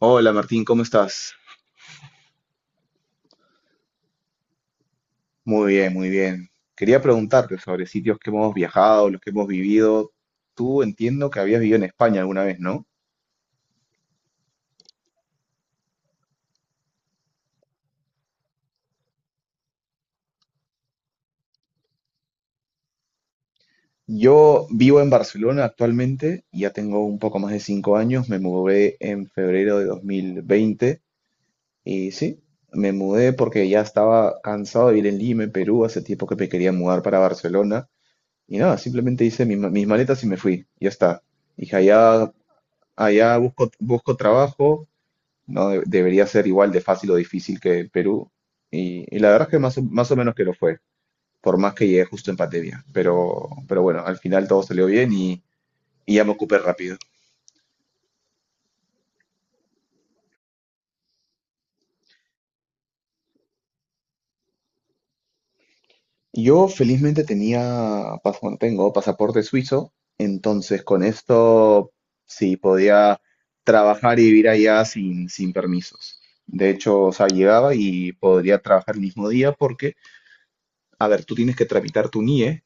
Hola Martín, ¿cómo estás? Muy bien, muy bien. Quería preguntarte sobre sitios que hemos viajado, los que hemos vivido. Tú entiendo que habías vivido en España alguna vez, ¿no? Yo vivo en Barcelona actualmente, ya tengo un poco más de 5 años, me mudé en febrero de 2020 y sí, me mudé porque ya estaba cansado de vivir en Lima, en Perú, hace tiempo que me quería mudar para Barcelona y nada, simplemente hice mis maletas y me fui, ya está. Dije, allá, busco trabajo. No De- Debería ser igual de fácil o difícil que Perú. Y la verdad es que más o menos que lo fue, por más que llegué justo en pandemia. Pero bueno, al final todo salió bien y ya me ocupé rápido. Yo felizmente bueno, tengo pasaporte suizo, entonces con esto sí podía trabajar y vivir allá sin permisos. De hecho, o sea, llegaba y podría trabajar el mismo día porque, a ver, tú tienes que tramitar tu NIE,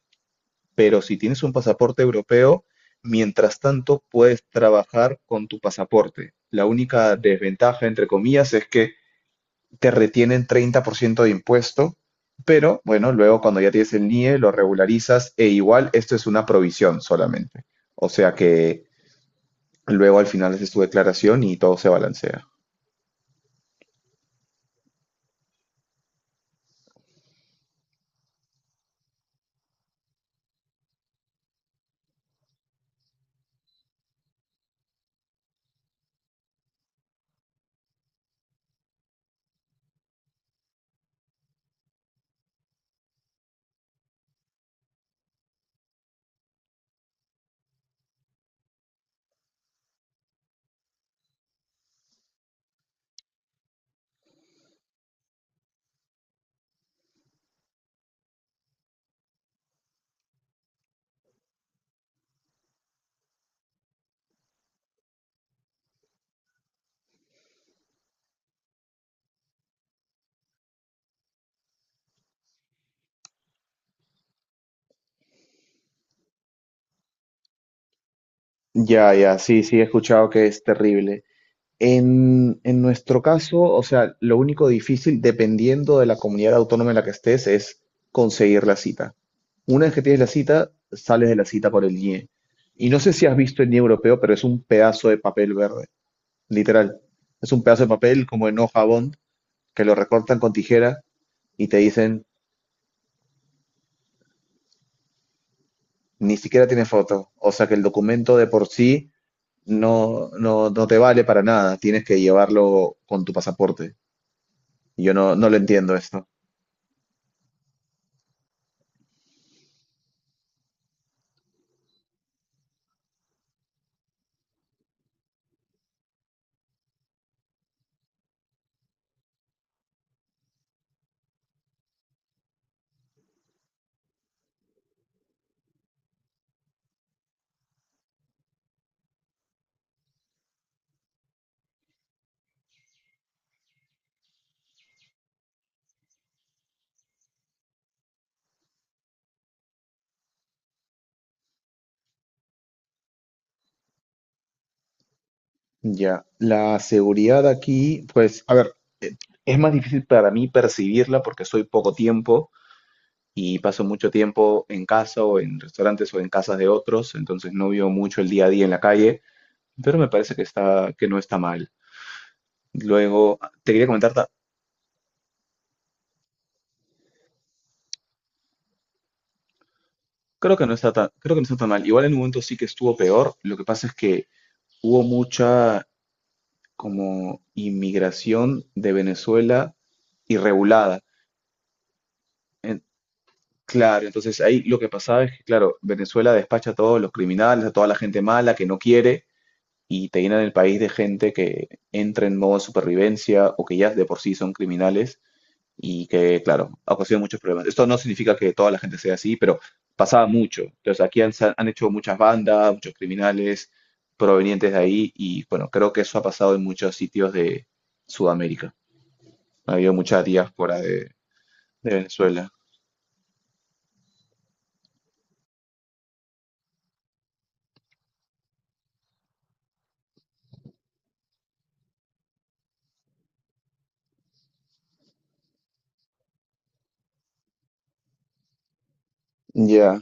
pero si tienes un pasaporte europeo, mientras tanto puedes trabajar con tu pasaporte. La única desventaja, entre comillas, es que te retienen 30% de impuesto, pero bueno, luego cuando ya tienes el NIE lo regularizas e igual esto es una provisión solamente. O sea que luego al final haces tu declaración y todo se balancea. Ya, ya, sí, sí, he escuchado que es terrible. En nuestro caso, o sea, lo único difícil, dependiendo de la comunidad autónoma en la que estés, es conseguir la cita. Una vez que tienes la cita, sales de la cita por el IE. Y no sé si has visto el IE europeo, pero es un pedazo de papel verde, literal. Es un pedazo de papel como en hoja bond, que lo recortan con tijera y te dicen, ni siquiera tiene foto. O sea que el documento de por sí no te vale para nada. Tienes que llevarlo con tu pasaporte. Y yo no lo entiendo esto. Ya, la seguridad aquí, pues, a ver, eh, es más difícil para mí percibirla porque estoy poco tiempo y paso mucho tiempo en casa o en restaurantes o en casas de otros, entonces no veo mucho el día a día en la calle, pero me parece que que no está mal. Luego, te quería creo que no está creo que no está tan mal. Igual en un momento sí que estuvo peor, lo que pasa es que hubo mucha como inmigración de Venezuela irregulada. Claro, entonces ahí lo que pasaba es que, claro, Venezuela despacha a todos los criminales, a toda la gente mala que no quiere y te llenan el país de gente que entra en modo supervivencia o que ya de por sí son criminales y que, claro, ocasiona muchos problemas. Esto no significa que toda la gente sea así, pero pasaba mucho. Entonces aquí han hecho muchas bandas, muchos criminales provenientes de ahí y, bueno, creo que eso ha pasado en muchos sitios de Sudamérica. Ha habido mucha de Venezuela. Ya.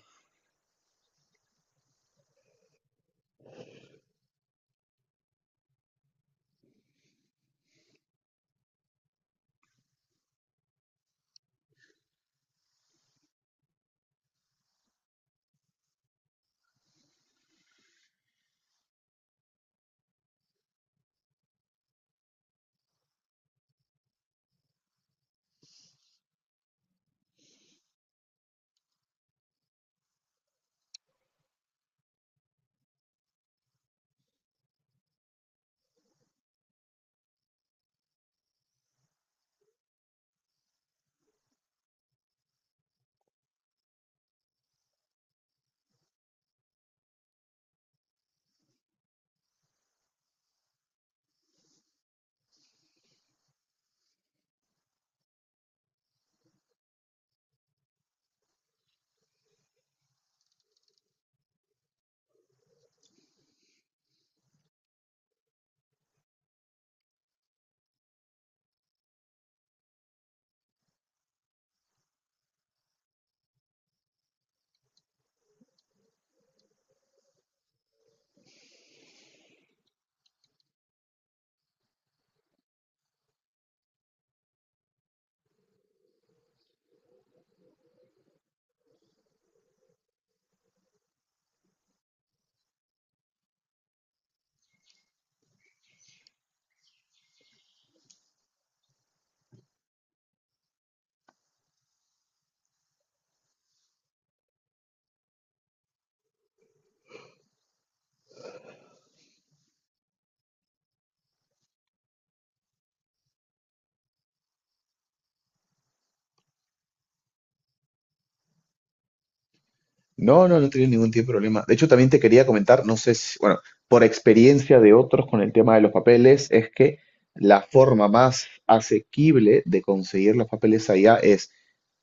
No tenía ningún tipo de problema. De hecho, también te quería comentar, no sé si, bueno, por experiencia de otros con el tema de los papeles, es que la forma más asequible de conseguir los papeles allá es,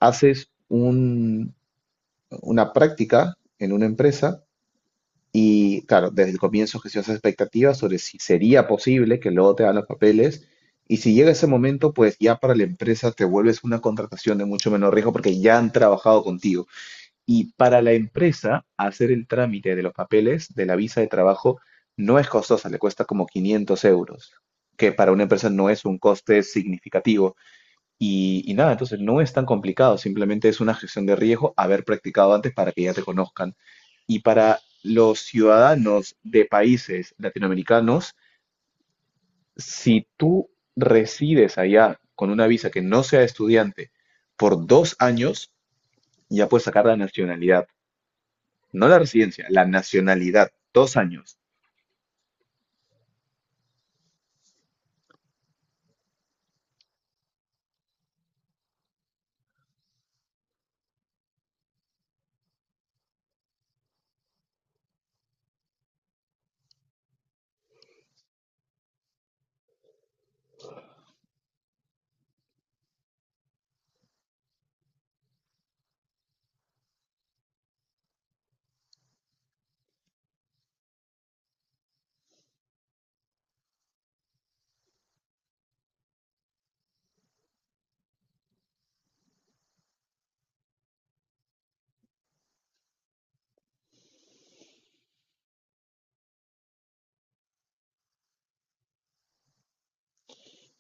haces un- una práctica en una empresa y, claro, desde el comienzo gestionas expectativas sobre si sería posible que luego te dan los papeles. Y si llega ese momento, pues ya para la empresa te vuelves una contratación de mucho menor riesgo porque ya han trabajado contigo. Y para la empresa, hacer el trámite de los papeles de la visa de trabajo no es costosa, le cuesta como 500 euros, que para una empresa no es un coste significativo. Y nada, entonces no es tan complicado, simplemente es una gestión de riesgo haber practicado antes para que ya te conozcan. Y para los ciudadanos de países latinoamericanos, si tú resides allá con una visa que no sea estudiante por 2 años, ya puedes sacar la nacionalidad. No la residencia, la nacionalidad, 2 años.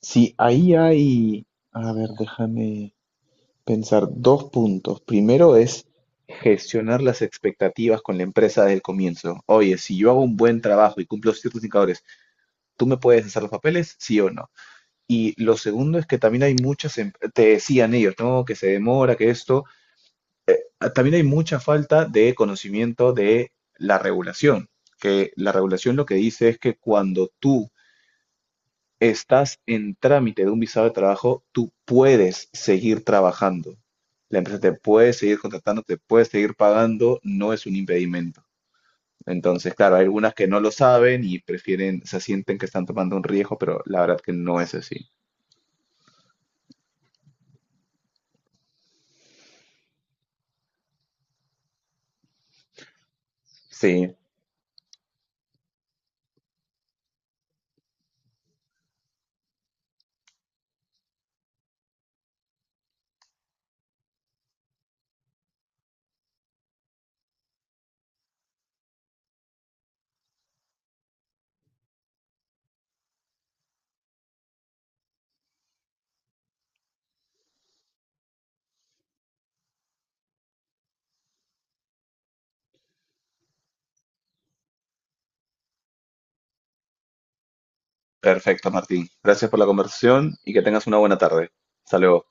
Sí, ahí hay, a ver, déjame pensar, dos puntos. Primero es gestionar las expectativas con la empresa desde el comienzo. Oye, si yo hago un buen trabajo y cumplo ciertos indicadores, ¿tú me puedes hacer los papeles? Sí o no. Y lo segundo es que también hay te decían ellos, ¿no? Que se demora, que esto. Ah, también hay mucha falta de conocimiento de la regulación, que la regulación lo que dice es que cuando tú estás en trámite de un visado de trabajo, tú puedes seguir trabajando. La empresa te puede seguir contratando, te puede seguir pagando, no es un impedimento. Entonces, claro, hay algunas que no lo saben y prefieren, se sienten que están tomando un riesgo, pero la verdad que no es así. Perfecto, Martín. Gracias por la conversación y que tengas una buena tarde. Hasta luego.